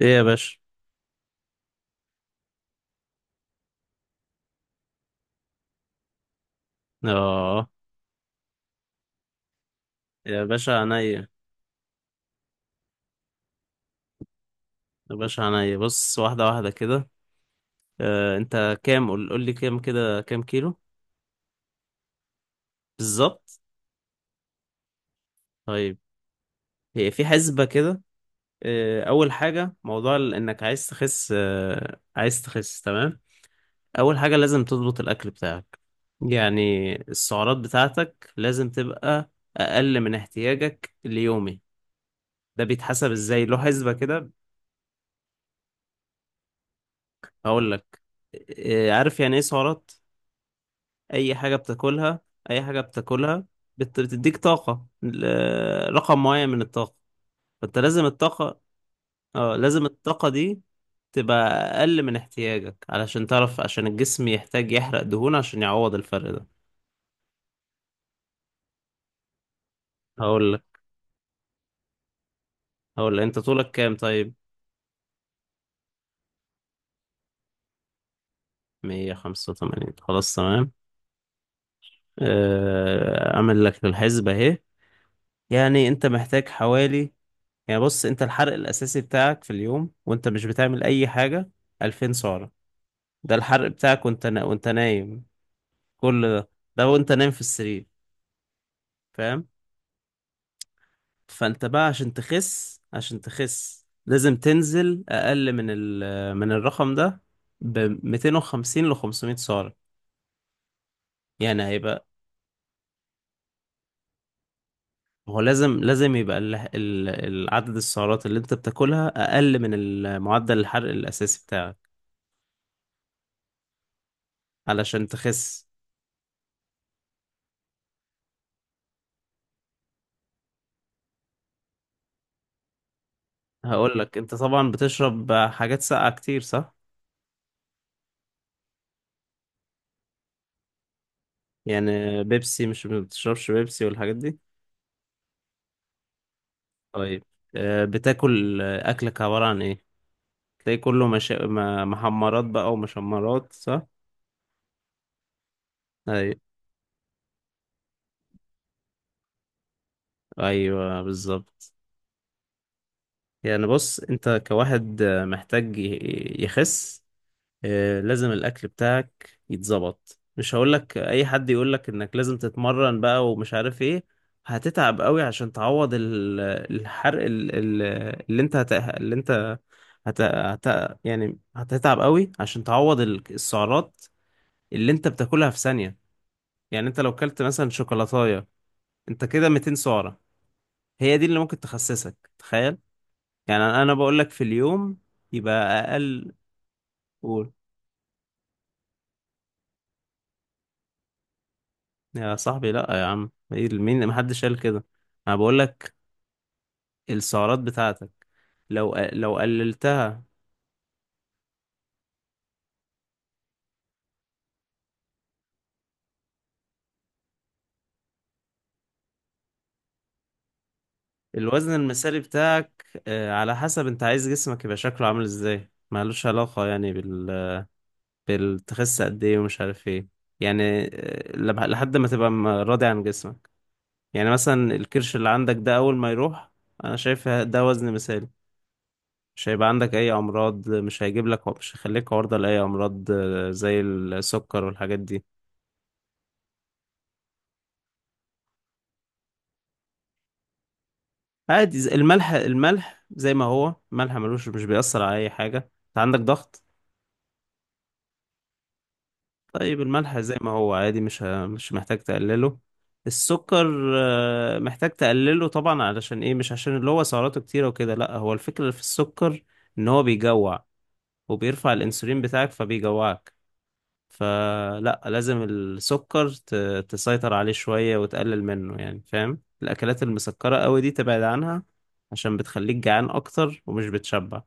ايه يا باشا. اه يا باشا عينيا يا باشا عينيا، بص، واحدة واحدة كده. انت كام؟ قول لي كام كده، كام كيلو؟ بالظبط. طيب، هي في حسبة كده. اول حاجة، موضوع انك عايز تخس، تمام. اول حاجة لازم تضبط الاكل بتاعك، يعني السعرات بتاعتك لازم تبقى اقل من احتياجك اليومي. ده بيتحسب ازاي؟ له حسبة كده. هقول لك، عارف يعني ايه سعرات؟ اي حاجه بتاكلها، اي حاجه بتاكلها بتديك طاقه، رقم معين من الطاقه، فانت لازم الطاقه، اه لازم الطاقه دي تبقى اقل من احتياجك، علشان تعرف، عشان الجسم يحتاج يحرق دهون عشان يعوض الفرق ده. هقول لك هقول لك، انت طولك كام طيب؟ 185، خلاص تمام. اعمل لك الحسبه اهي. يعني انت محتاج حوالي، يعني بص، انت الحرق الاساسي بتاعك في اليوم وانت مش بتعمل اي حاجه 2000 سعره. ده الحرق بتاعك وانت نايم. كل ده وانت نايم في السرير. فاهم؟ فانت بقى عشان تخس، لازم تنزل اقل من الرقم ده ب 250 ل 500 سعرة. يعني هيبقى هو لازم يبقى العدد، السعرات اللي انت بتاكلها اقل من معدل الحرق الاساسي بتاعك علشان تخس. هقول لك، انت طبعا بتشرب حاجات ساقعة كتير صح؟ يعني بيبسي، مش بتشربش بيبسي والحاجات دي؟ طيب. آه، بتاكل آه، اكلك عبارة عن ايه؟ تلاقي كله مش... ما- محمرات بقى ومشمرات صح؟ ايوه، ايوه، بالظبط. يعني بص، انت كواحد محتاج يخس، لازم الاكل بتاعك يتظبط. مش هقولك اي حد يقولك انك لازم تتمرن بقى ومش عارف ايه، هتتعب قوي عشان تعوض الحرق، ال- ال- اللي انت هت... اللي انت هت... هت... يعني هتتعب قوي عشان تعوض السعرات اللي انت بتاكلها في ثانية. يعني انت لو كلت مثلا شوكولاتاية انت كده 200 سعرة. هي دي اللي ممكن تخسسك، تخيل. يعني انا بقول لك في اليوم يبقى اقل. قول. يا صاحبي، لا يا عم، ايه، مين؟ محدش قال كده، انا بقول لك السعرات بتاعتك، لو قللتها. الوزن المثالي بتاعك على حسب انت عايز جسمك يبقى شكله عامل ازاي، مالوش علاقة يعني بالتخس قد ايه ومش عارف ايه. يعني لحد ما تبقى راضي عن جسمك. يعني مثلا الكرش اللي عندك ده اول ما يروح، انا شايف ده وزن مثالي، مش هيبقى عندك اي امراض، مش هيجيب لك مش هيخليك عرضة لاي امراض زي السكر والحاجات دي. عادي، الملح، زي ما هو. الملح ملوش، مش بيأثر على اي حاجة. انت عندك ضغط؟ طيب، الملح زي ما هو عادي، مش محتاج تقلله. السكر محتاج تقلله طبعا. علشان ايه؟ مش عشان اللي هو سعراته كتيرة وكده، لا، هو الفكرة في السكر ان هو بيجوع، وبيرفع الانسولين بتاعك فبيجوعك، فلا لازم السكر تسيطر عليه شوية وتقلل منه، يعني فاهم. الأكلات المسكرة قوي دي تبعد عنها، عشان بتخليك جعان أكتر ومش بتشبع،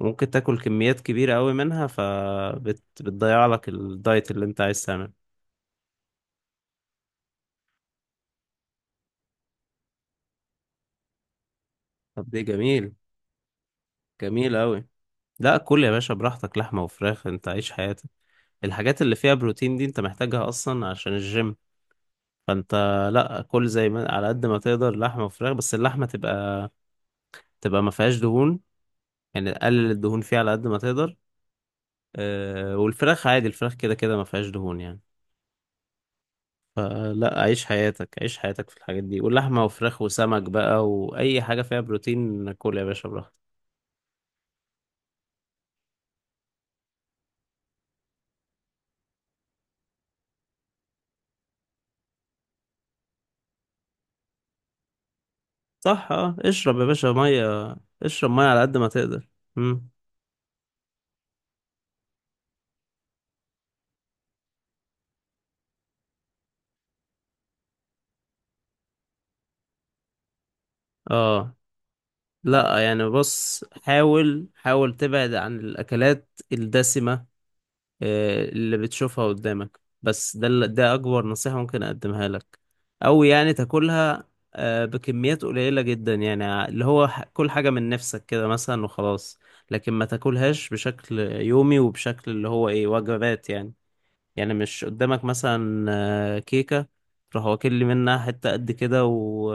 وممكن تاكل كميات كبيرة قوي منها فبتضيع لك الدايت اللي انت عايز تعمله. طب دي جميل، جميل قوي. لا، كل يا باشا براحتك، لحمة وفراخ، انت عيش حياتك، الحاجات اللي فيها بروتين دي انت محتاجها أصلا عشان الجيم، فانت لا، كل زي ما على قد ما تقدر لحمة وفراخ، بس اللحمة تبقى، ما فيهاش دهون، يعني قلل الدهون فيه على قد ما تقدر. والفراخ عادي، الفراخ كده كده ما فيهاش دهون يعني. فلا، عيش حياتك، عيش حياتك في الحاجات دي، واللحمة وفراخ وسمك بقى وأي حاجة فيها بروتين، كل يا باشا براحتك. صح، اه، اشرب يا باشا مية، اشرب مية على قد ما تقدر. مم. اه. لا يعني بص، حاول تبعد عن الأكلات الدسمة اللي بتشوفها قدامك، بس ده ده أكبر نصيحة ممكن أقدمها لك. أو يعني تاكلها بكميات قليلة جدا، يعني كل حاجة من نفسك كده مثلا وخلاص، لكن ما تاكلهاش بشكل يومي وبشكل اللي هو إيه، وجبات يعني. يعني مش قدامك مثلا كيكة تروح واكل لي منها حتة قد كده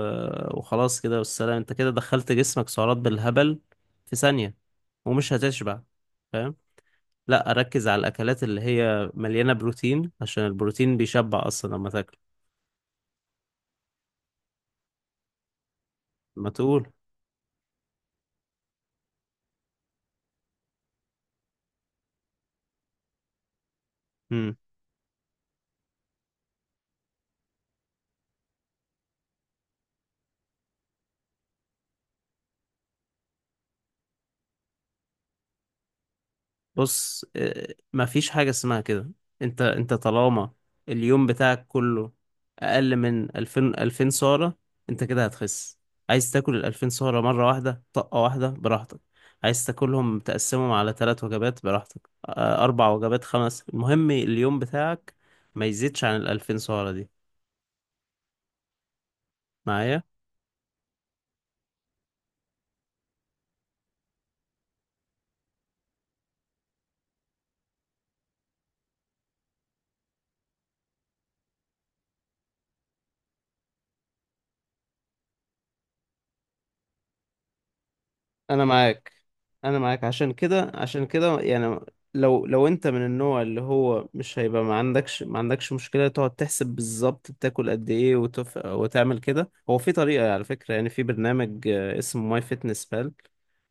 وخلاص كده والسلام، انت كده دخلت جسمك سعرات بالهبل في ثانية ومش هتشبع، فاهم؟ لا، اركز على الاكلات اللي هي مليانه بروتين، عشان البروتين بيشبع اصلا لما تاكل. ما تقول. امم بص، ما فيش حاجه اسمها كده. انت طالما اليوم بتاعك كله اقل من 2000، 2000 سعره، انت كده هتخس. عايز تاكل ال 2000 سعره مره واحده، طقه واحده، براحتك، عايز تاكلهم تقسمهم على ثلاث وجبات براحتك، اربع وجبات، خمس، المهم اليوم بتاعك ما يزيدش عن ال 2000 سعره دي. معايا؟ انا معاك انا معاك عشان كده، يعني لو، انت من النوع اللي هو مش هيبقى ما عندكش مشكله تقعد تحسب بالظبط بتاكل قد ايه وتعمل كده، هو في طريقه على فكره، يعني في برنامج اسمه ماي فيتنس بال،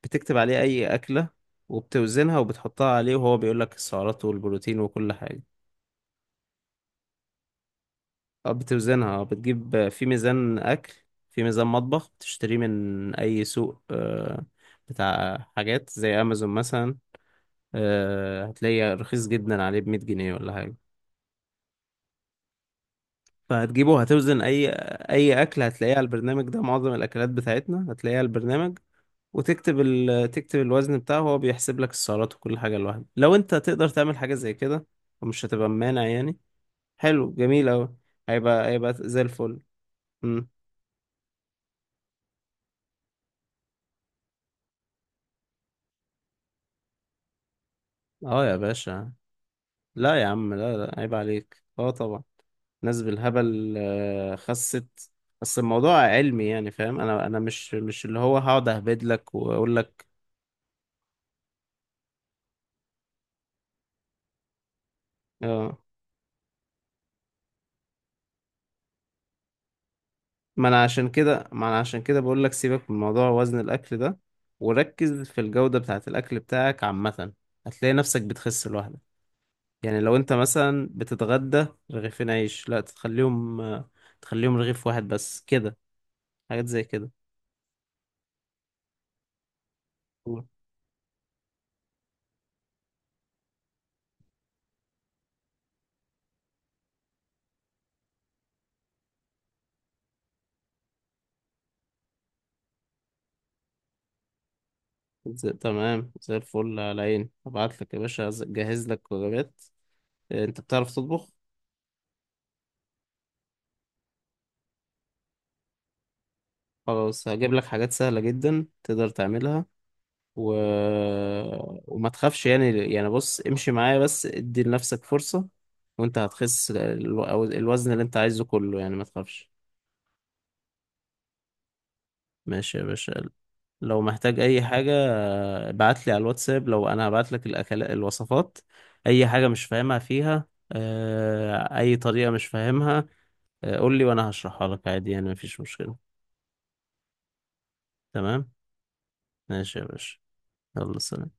بتكتب عليه اي اكله وبتوزنها وبتحطها عليه، وهو بيقول لك السعرات والبروتين وكل حاجه. اه، بتوزنها، اه بتجيب آه، في ميزان اكل، في ميزان مطبخ بتشتريه من اي سوق بتاع حاجات زي امازون مثلا. هتلاقيه رخيص جدا عليه، بمية جنيه ولا حاجة. فهتجيبه، هتوزن أي أكل هتلاقيه على البرنامج ده، معظم الأكلات بتاعتنا هتلاقيها على البرنامج، وتكتب تكتب الوزن بتاعه، هو بيحسب لك السعرات وكل حاجة لوحده. لو أنت تقدر تعمل حاجة زي كده ومش هتبقى مانع يعني، حلو، جميل أوي، هيبقى زي الفل. مم. اه يا باشا، لا يا عم، لا، لا، عيب عليك، اه طبعا، ناس بالهبل خست، بس الموضوع علمي، يعني فاهم، انا مش اللي هو هقعد اهبد لك واقول لك. اه، ما انا عشان كده بقول لك، سيبك من موضوع وزن الاكل ده وركز في الجودة بتاعة الاكل بتاعك عامة، هتلاقي نفسك بتخس لوحدك. يعني لو انت مثلا بتتغدى رغيفين عيش، لا، تخليهم تخليهم رغيف واحد بس كده، حاجات زي كده. تمام، زي الفل، على عيني، هبعت لك يا باشا، جهز لك وجبات. إيه، انت بتعرف تطبخ؟ خلاص هجيب لك حاجات سهلة جدا تقدر تعملها و... وما تخافش يعني. يعني بص، امشي معايا بس، ادي لنفسك فرصة، وانت هتخس الوزن اللي انت عايزه كله، يعني ما تخافش. ماشي يا باشا. لو محتاج اي حاجة ابعت لي على الواتساب، لو انا هبعت لك الاكل، الوصفات، اي حاجة مش فاهمها فيها اي طريقة مش فاهمها قول لي وانا هشرحها لك عادي يعني مفيش مشكلة. تمام، ماشي يا باشا، يلا سلام.